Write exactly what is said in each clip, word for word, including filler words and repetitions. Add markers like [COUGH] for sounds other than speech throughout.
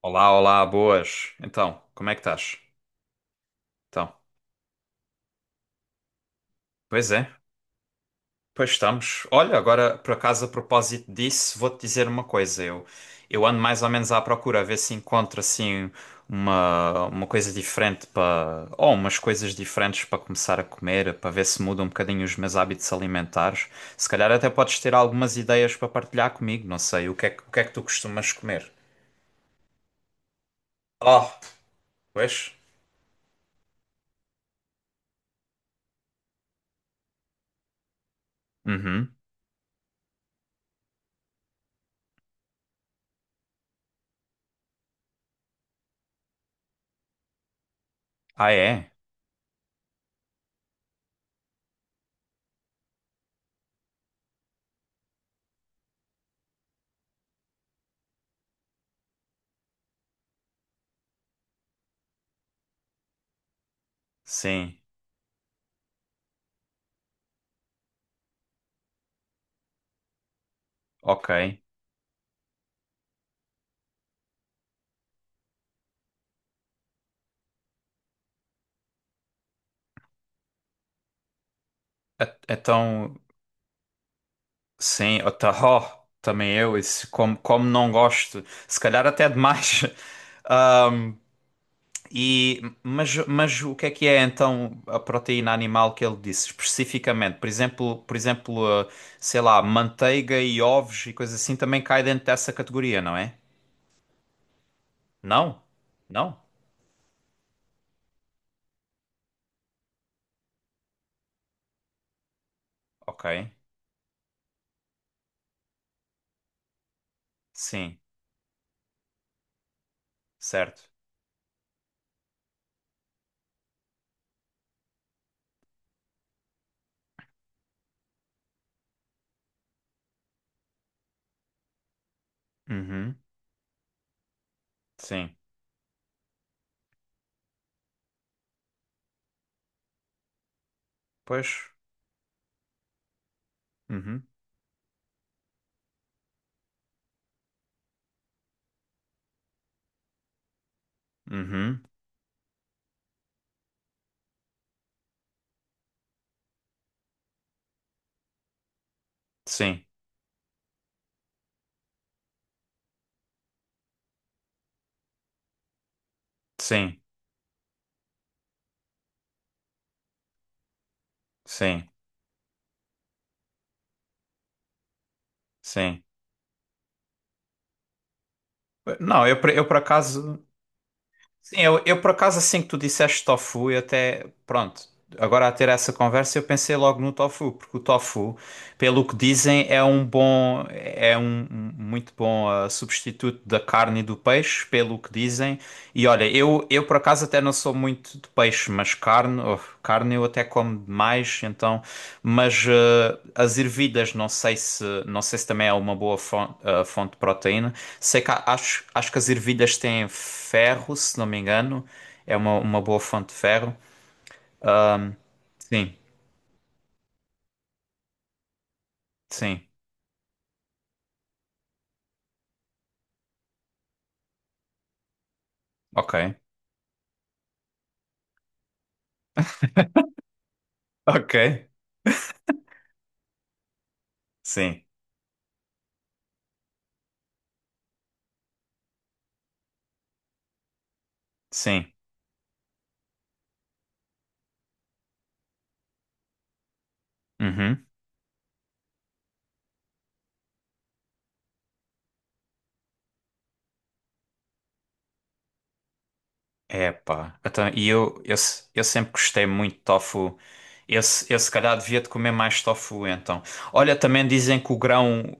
Olá, olá, boas. Então, como é que estás? Então, pois é, pois estamos. Olha, agora, por acaso, a propósito disso, vou-te dizer uma coisa. Eu, eu ando mais ou menos à procura, a ver se encontro, assim, uma, uma coisa diferente para... Ou umas coisas diferentes para começar a comer, para ver se muda um bocadinho os meus hábitos alimentares. Se calhar até podes ter algumas ideias para partilhar comigo, não sei. O que é, que- o que é que tu costumas comer? Oh, pois. Uhum. Ah, é? Sim. Ok. E- Então, sim, o tarro também eu, isso, como, como não gosto, se calhar até demais. [LAUGHS] Ahm, e, mas, mas o que é que é então a proteína animal que ele disse especificamente? Por exemplo, por exemplo, ah, sei lá, manteiga e ovos e coisa assim também cai dentro dessa categoria, não é? Não? Não? Ok. Sim, certo. Uhum, sim. Pois. Uhum, uhum. Sim, sim, sim, sim. Não, eu, por- eu por acaso. Sim, eu, eu por acaso assim que tu disseste tofu, eu até. Pronto, agora a ter essa conversa eu pensei logo no tofu, porque o tofu, pelo que dizem, é um bom. É um um muito bom ah, substituto da carne e do peixe, pelo que dizem. E olha, eu, eu por acaso até não sou muito de peixe, mas carne, oh, carne eu até como demais, então. Mas eh, as ervilhas, não sei se, não sei se também é uma boa fonte, fonte de proteína. Sei que há- acho, acho que as ervilhas têm ferro, se não me engano. É uma, uma boa fonte de ferro. Ahm, sim, sim. Ok. Ok. Sim, sim. Uhum. Epá. Então, e eu, eu, se- eu sempre gostei muito de tofu. Eu, se- eu se calhar devia de comer mais tofu, então. Olha, também dizem que o grão.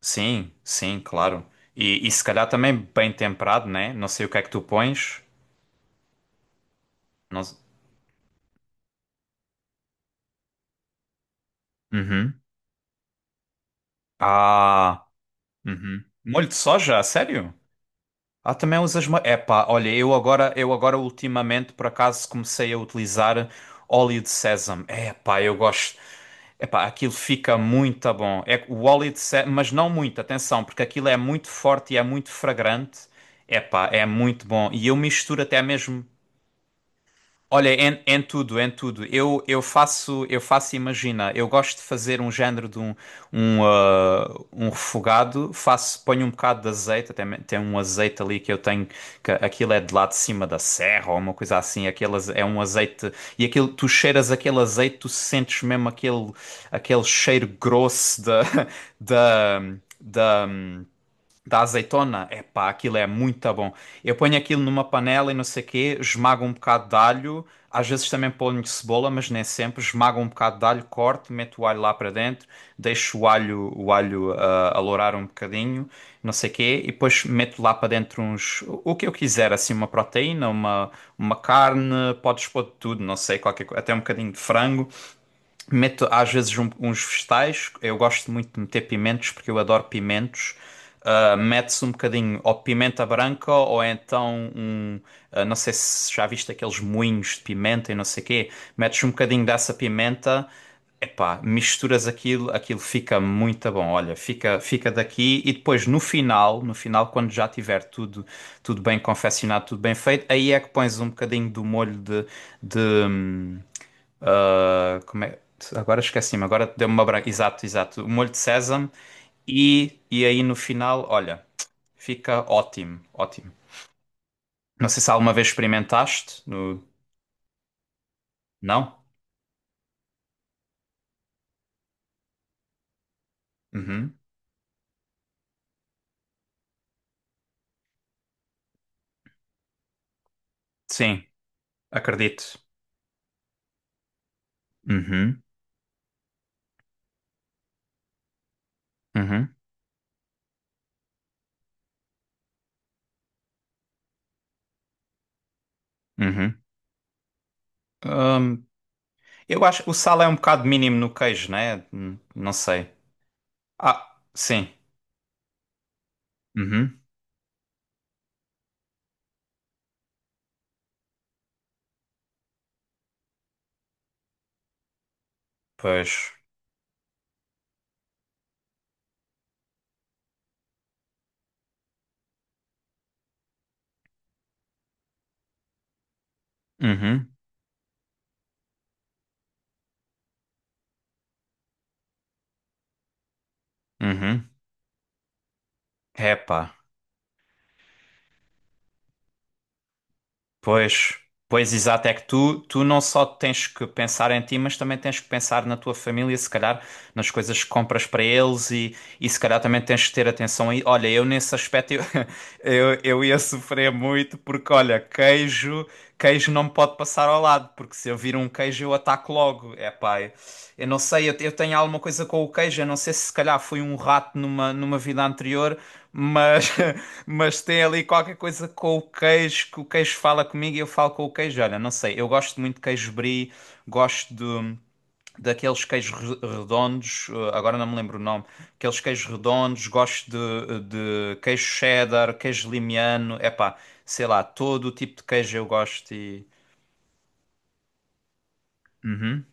Sim, sim, claro. E, e se calhar também bem temperado, né? Não sei o que é que tu pões. Não... se- Uhum. Ah, uhum. Molho de soja, a sério? Ah, também usas molho. Epá, olha, eu agora, eu agora ultimamente por acaso comecei a utilizar óleo de sésamo. Epá, eu gosto. Epá, aquilo fica muito bom. É que o óleo de sésamo, mas não muito, atenção, porque aquilo é muito forte e é muito fragrante. Epá, é muito bom. E eu misturo até mesmo. Olha, em, em tudo, em tudo. Eu, eu faço, eu faço, imagina, eu gosto de fazer um género de um, um, ah, um refogado, faço, ponho um bocado de azeite, até me- tem um azeite ali que eu tenho, que aquilo é de lá de cima da serra ou uma coisa assim, aquele, aze- é um azeite, e aquilo, tu cheiras aquele azeite, tu sentes mesmo aquele, aquele cheiro grosso da, [LAUGHS] da, da, da azeitona? Epá, aquilo é muito bom. Eu ponho aquilo numa panela e não sei o quê, esmago um bocado de alho, às vezes também ponho cebola, mas nem sempre. Esmago um bocado de alho, corto, meto o alho lá para dentro, deixo o alho, o alho ah, alourar um bocadinho, não sei o quê, e depois meto lá para dentro uns, o que eu quiser, assim, uma proteína, uma, uma carne, podes pôr de tudo, não sei, qualquer, co- até um bocadinho de frango. Meto às vezes um- uns vegetais. Eu gosto muito de meter pimentos porque eu adoro pimentos. Ah, mete-se um bocadinho ou pimenta branca ou então um. ah, não sei se já viste aqueles moinhos de pimenta e não sei quê. Metes um bocadinho dessa pimenta. Epá, misturas aquilo, aquilo fica muito bom. Olha, fica, fica daqui e depois no final, no final, quando já tiver tudo, tudo bem confeccionado, tudo bem feito, aí é que pões um bocadinho do molho de, de, hum, ah, como é? Agora esqueci-me, agora deu-me uma branca. Exato, exato. O molho de sésamo. E, e aí no final, olha, fica ótimo, ótimo. Não sei se alguma vez experimentaste. No... Não? Uhum. Sim, acredito. Uhum, uhum, uhum. Hum, eu acho que o sal é um bocado mínimo no queijo, né? Hum, não sei. Ah, sim. Uhum. Pois. Uhum, uhum. Epá. Pois, pois exato, é que tu, tu não só tens que pensar em ti, mas também tens que pensar na tua família, se calhar nas coisas que compras para eles e, e se calhar também tens que ter atenção aí. Olha, eu nesse aspecto eu, [LAUGHS] eu, eu ia sofrer muito porque, olha, queijo, queijo não me pode passar ao lado, porque se eu vir um queijo eu ataco logo. É pá, eu não sei, eu, eu tenho alguma coisa com o queijo, eu não sei se se calhar fui um rato numa, numa vida anterior, mas, [LAUGHS] mas tem ali qualquer coisa com o queijo, que o queijo fala comigo e eu falo com o queijo. Olha, não sei, eu gosto muito de queijo brie, gosto de, daqueles queijos re- redondos, eh, agora não me lembro o nome, aqueles queijos redondos, gosto de, de queijo cheddar, queijo limiano, epá, sei lá, todo o tipo de queijo eu gosto e... Uhum,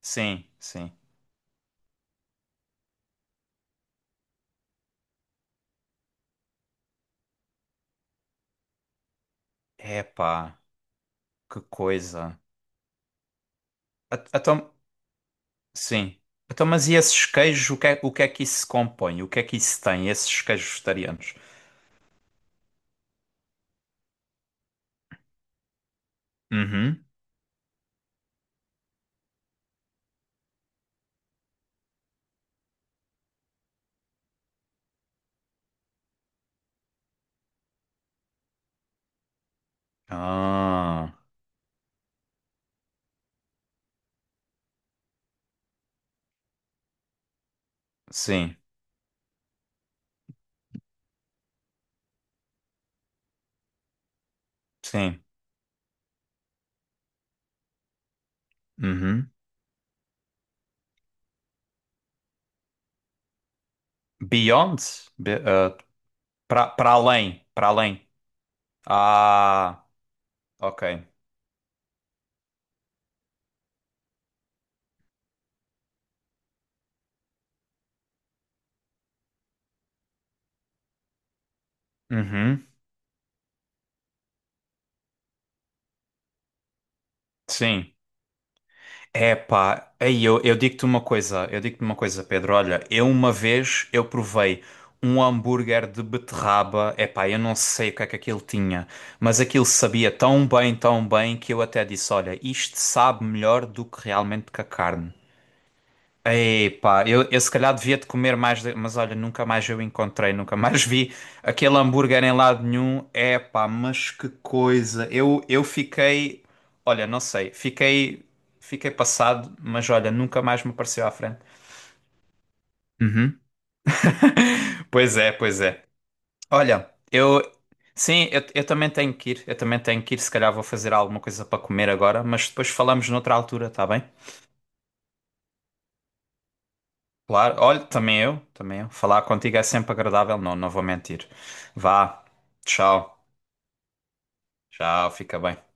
sim, sim. Epá, que coisa. A- Então, sim. Então, mas e esses queijos, o que é, o que é que isso se compõe? O que é que isso tem, esses queijos vegetarianos? Uhum. Ah, sim, sim. Uhum. Beyond? Be- ah, para para além, para além. Ah, ok. Uhum. Sim. É pá, aí eu, eu digo-te uma coisa, eu digo-te uma coisa, Pedro. Olha, eu uma vez eu provei um hambúrguer de beterraba. É pá, eu não sei o que é que aquilo tinha, mas aquilo sabia tão bem, tão bem que eu até disse, olha, isto sabe melhor do que realmente que a carne. Epá, eu, eu se calhar devia de comer mais, de- mas olha, nunca mais eu encontrei, nunca mais vi aquele hambúrguer em lado nenhum. Epá, mas que coisa! Eu, eu fiquei, olha, não sei, fiquei, fiquei passado, mas olha, nunca mais me apareceu à frente. Uhum. Pois é, pois é. Olha, eu, sim, eu, eu também tenho que ir, eu também tenho que ir, se calhar vou fazer alguma coisa para comer agora, mas depois falamos noutra altura, tá bem? Claro, olha, também eu, também eu. Falar contigo é sempre agradável, não, não vou mentir. Vá, tchau, tchau, fica bem.